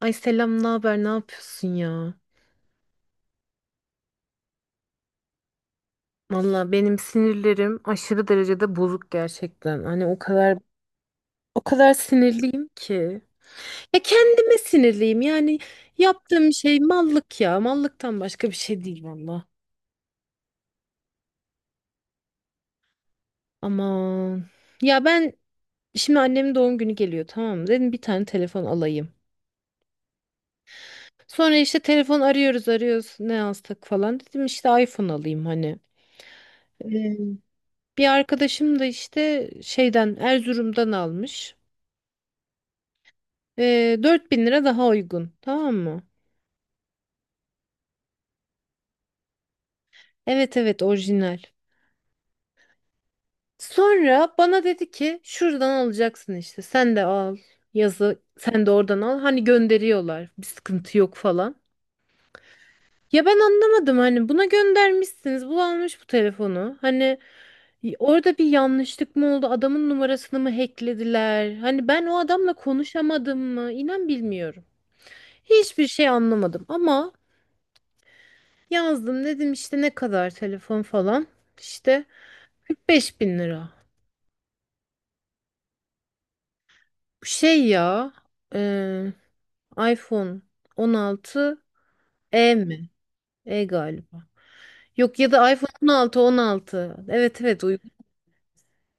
Ay selam, ne haber? Ne yapıyorsun ya? Valla benim sinirlerim aşırı derecede bozuk gerçekten. Hani o kadar sinirliyim ki. Ya kendime sinirliyim. Yani yaptığım şey mallık ya. Mallıktan başka bir şey değil valla. Aman. Ya ben şimdi annemin doğum günü geliyor tamam mı? Dedim bir tane telefon alayım. Sonra işte telefon arıyoruz arıyoruz ne alsak falan. Dedim işte iPhone alayım hani. Ee, Bir arkadaşım da işte şeyden Erzurum'dan almış. 4.000 lira daha uygun. Tamam mı? Evet evet orijinal. Sonra bana dedi ki şuradan alacaksın işte. Sen de al yazı. Sen de oradan al. Hani gönderiyorlar. Bir sıkıntı yok falan. Ya ben anlamadım hani buna göndermişsiniz. Bu almış bu telefonu. Hani orada bir yanlışlık mı oldu? Adamın numarasını mı hacklediler? Hani ben o adamla konuşamadım mı? İnan bilmiyorum. Hiçbir şey anlamadım ama yazdım dedim işte ne kadar telefon falan. İşte 45 bin lira. Şey ya e, iPhone 16. E mi? E galiba. Yok ya da iPhone 16. Evet evet uygun.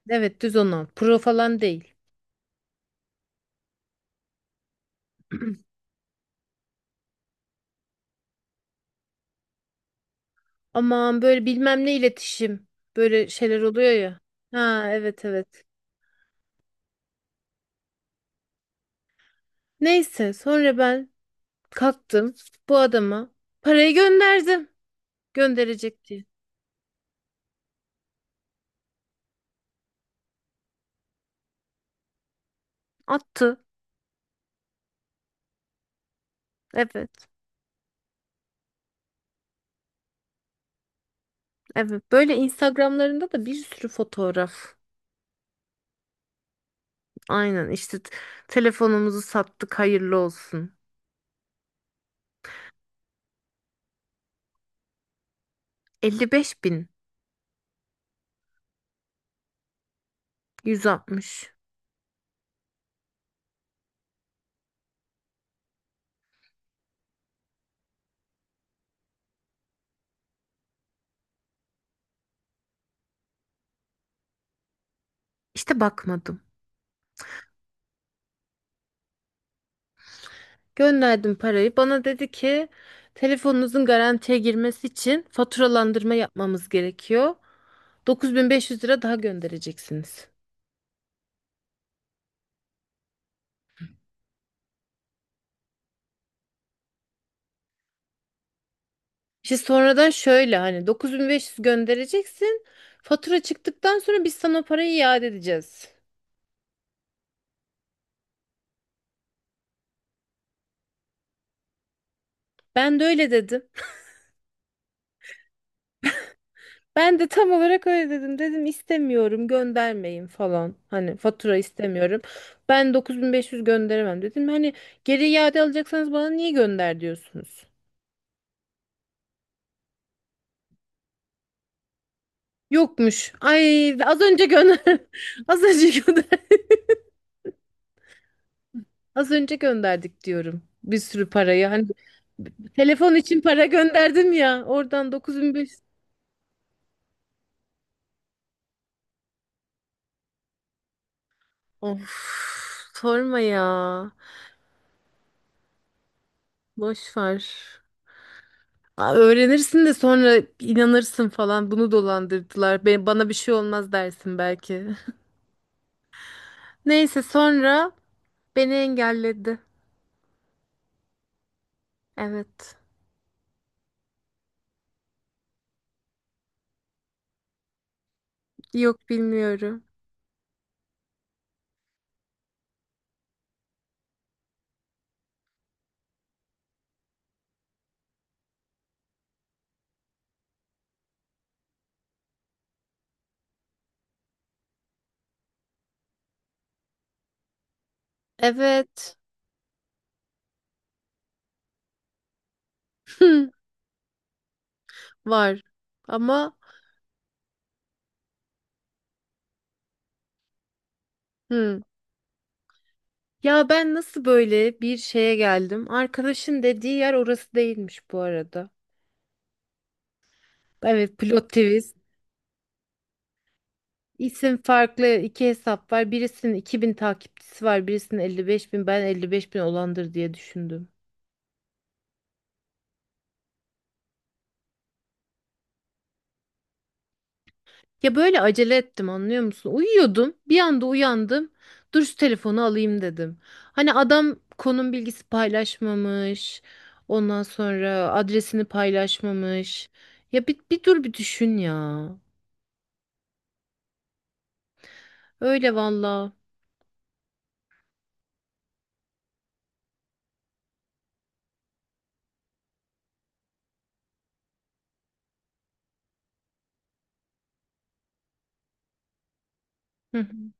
Evet düz 16. Pro falan değil. Aman böyle bilmem ne iletişim. Böyle şeyler oluyor ya. Ha evet evet. Neyse sonra ben kalktım bu adama parayı gönderdim. Gönderecek diye. Attı. Evet evet. Böyle Instagramlarında da bir sürü fotoğraf. Aynen işte telefonumuzu sattık hayırlı olsun. 55 bin 160. İşte bakmadım. Gönderdim parayı. Bana dedi ki telefonunuzun garantiye girmesi için faturalandırma yapmamız gerekiyor. 9.500 lira daha göndereceksiniz. İşte sonradan şöyle hani 9.500 göndereceksin. Fatura çıktıktan sonra biz sana o parayı iade edeceğiz. Ben de öyle dedim. Ben de tam olarak öyle dedim. Dedim istemiyorum göndermeyin falan. Hani fatura istemiyorum. Ben 9.500 gönderemem dedim. Hani geri iade alacaksanız bana niye gönder diyorsunuz? Yokmuş. Ay az önce gönder. Az önce gönder. Az önce gönderdik diyorum. Bir sürü parayı. Hani telefon için para gönderdim ya. Oradan 9.500. Of sorma ya. Boş ver. Aa, öğrenirsin de sonra inanırsın falan bunu dolandırdılar. Bana bir şey olmaz dersin belki. Neyse sonra beni engelledi. Evet. Yok bilmiyorum. Evet. Var. Ama hı. Ya ben nasıl böyle bir şeye geldim? Arkadaşın dediği yer orası değilmiş bu arada. Evet plot twist. İsim farklı iki hesap var. Birisinin 2.000 takipçisi var. Birisinin 55 bin. Ben 55 bin olandır diye düşündüm. Ya böyle acele ettim anlıyor musun? Uyuyordum. Bir anda uyandım. Dur şu telefonu alayım dedim. Hani adam konum bilgisi paylaşmamış. Ondan sonra adresini paylaşmamış. Ya bir dur bir düşün ya. Öyle valla. Hı hı.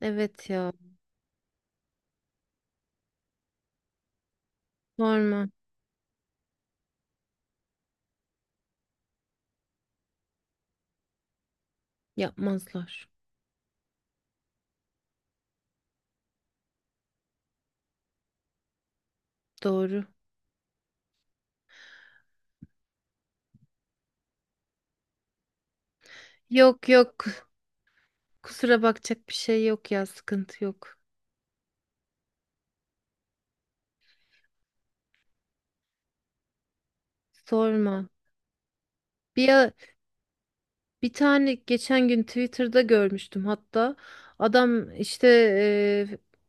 Evet ya. Sorma. Yapmazlar. Doğru. Yok yok. Kusura bakacak bir şey yok ya. Sıkıntı yok. Sorma. Bir, Bir tane geçen gün Twitter'da görmüştüm hatta. Adam işte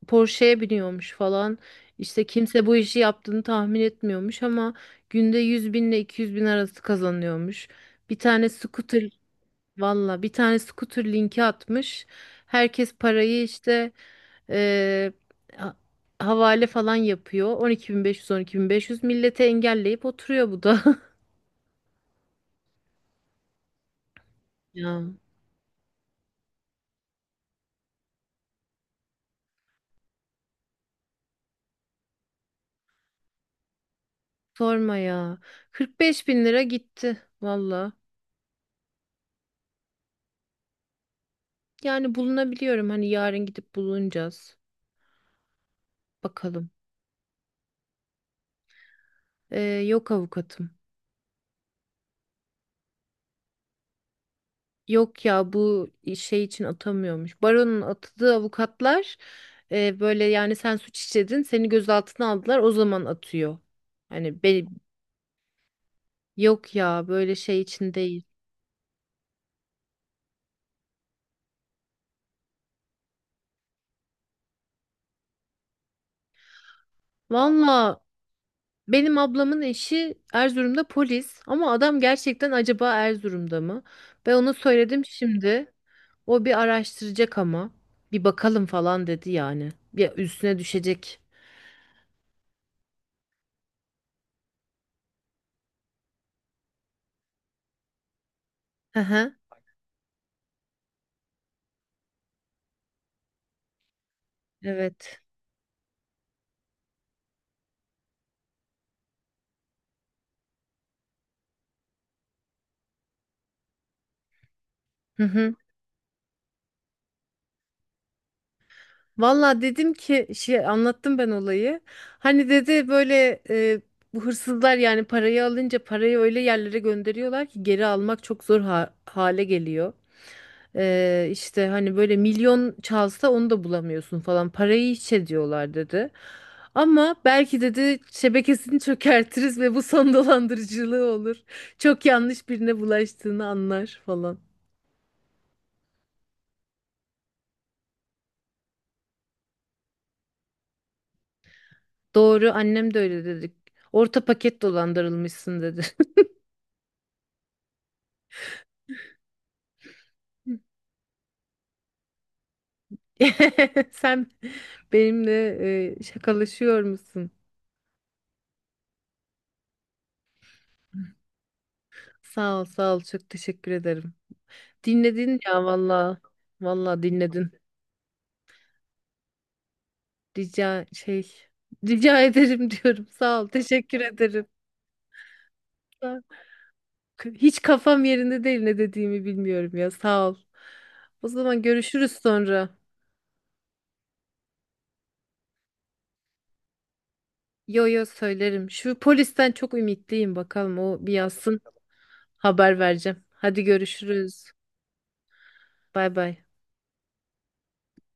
Porsche'ye biniyormuş falan. İşte kimse bu işi yaptığını tahmin etmiyormuş ama günde 100 bin ile 200 bin arası kazanıyormuş. Bir tane scooter Valla bir tane scooter linki atmış. Herkes parayı işte e, ha- havale falan yapıyor. 12.500 millete engelleyip oturuyor bu da. Ya. Sorma ya. 45 bin lira gitti valla. Yani bulunabiliyorum hani yarın gidip bulunacağız. Bakalım. Yok avukatım. Yok ya bu şey için atamıyormuş. Baron'un atadığı avukatlar böyle yani sen suç işledin seni gözaltına aldılar o zaman atıyor. Hani be- Yok ya böyle şey için değil. Valla benim ablamın eşi Erzurum'da polis ama adam gerçekten acaba Erzurum'da mı? Ben ona söyledim şimdi. O bir araştıracak ama. Bir bakalım falan dedi yani. Bir üstüne düşecek. Hı hı. Evet. Hı hı. Valla dedim ki şey anlattım ben olayı. Hani dedi böyle bu hırsızlar yani parayı alınca parayı öyle yerlere gönderiyorlar ki geri almak çok zor hale geliyor. İşte hani böyle milyon çalsa onu da bulamıyorsun falan. Parayı hiç ediyorlar dedi. Ama belki dedi şebekesini çökertiriz ve bu son dolandırıcılığı olur. Çok yanlış birine bulaştığını anlar falan. Doğru annem de öyle dedi. Orta paket dolandırılmışsın dedi. Sen benimle şakalaşıyor musun? Sağ ol, sağ ol. Çok teşekkür ederim. Dinledin ya valla. Valla dinledin. Rica şey Rica ederim diyorum. Sağ ol. Teşekkür ederim. Sağ ol. Hiç kafam yerinde değil ne dediğimi bilmiyorum ya. Sağ ol. O zaman görüşürüz sonra. Yo yo söylerim. Şu polisten çok ümitliyim bakalım o bir yazsın. Haber vereceğim. Hadi görüşürüz. Bay bay.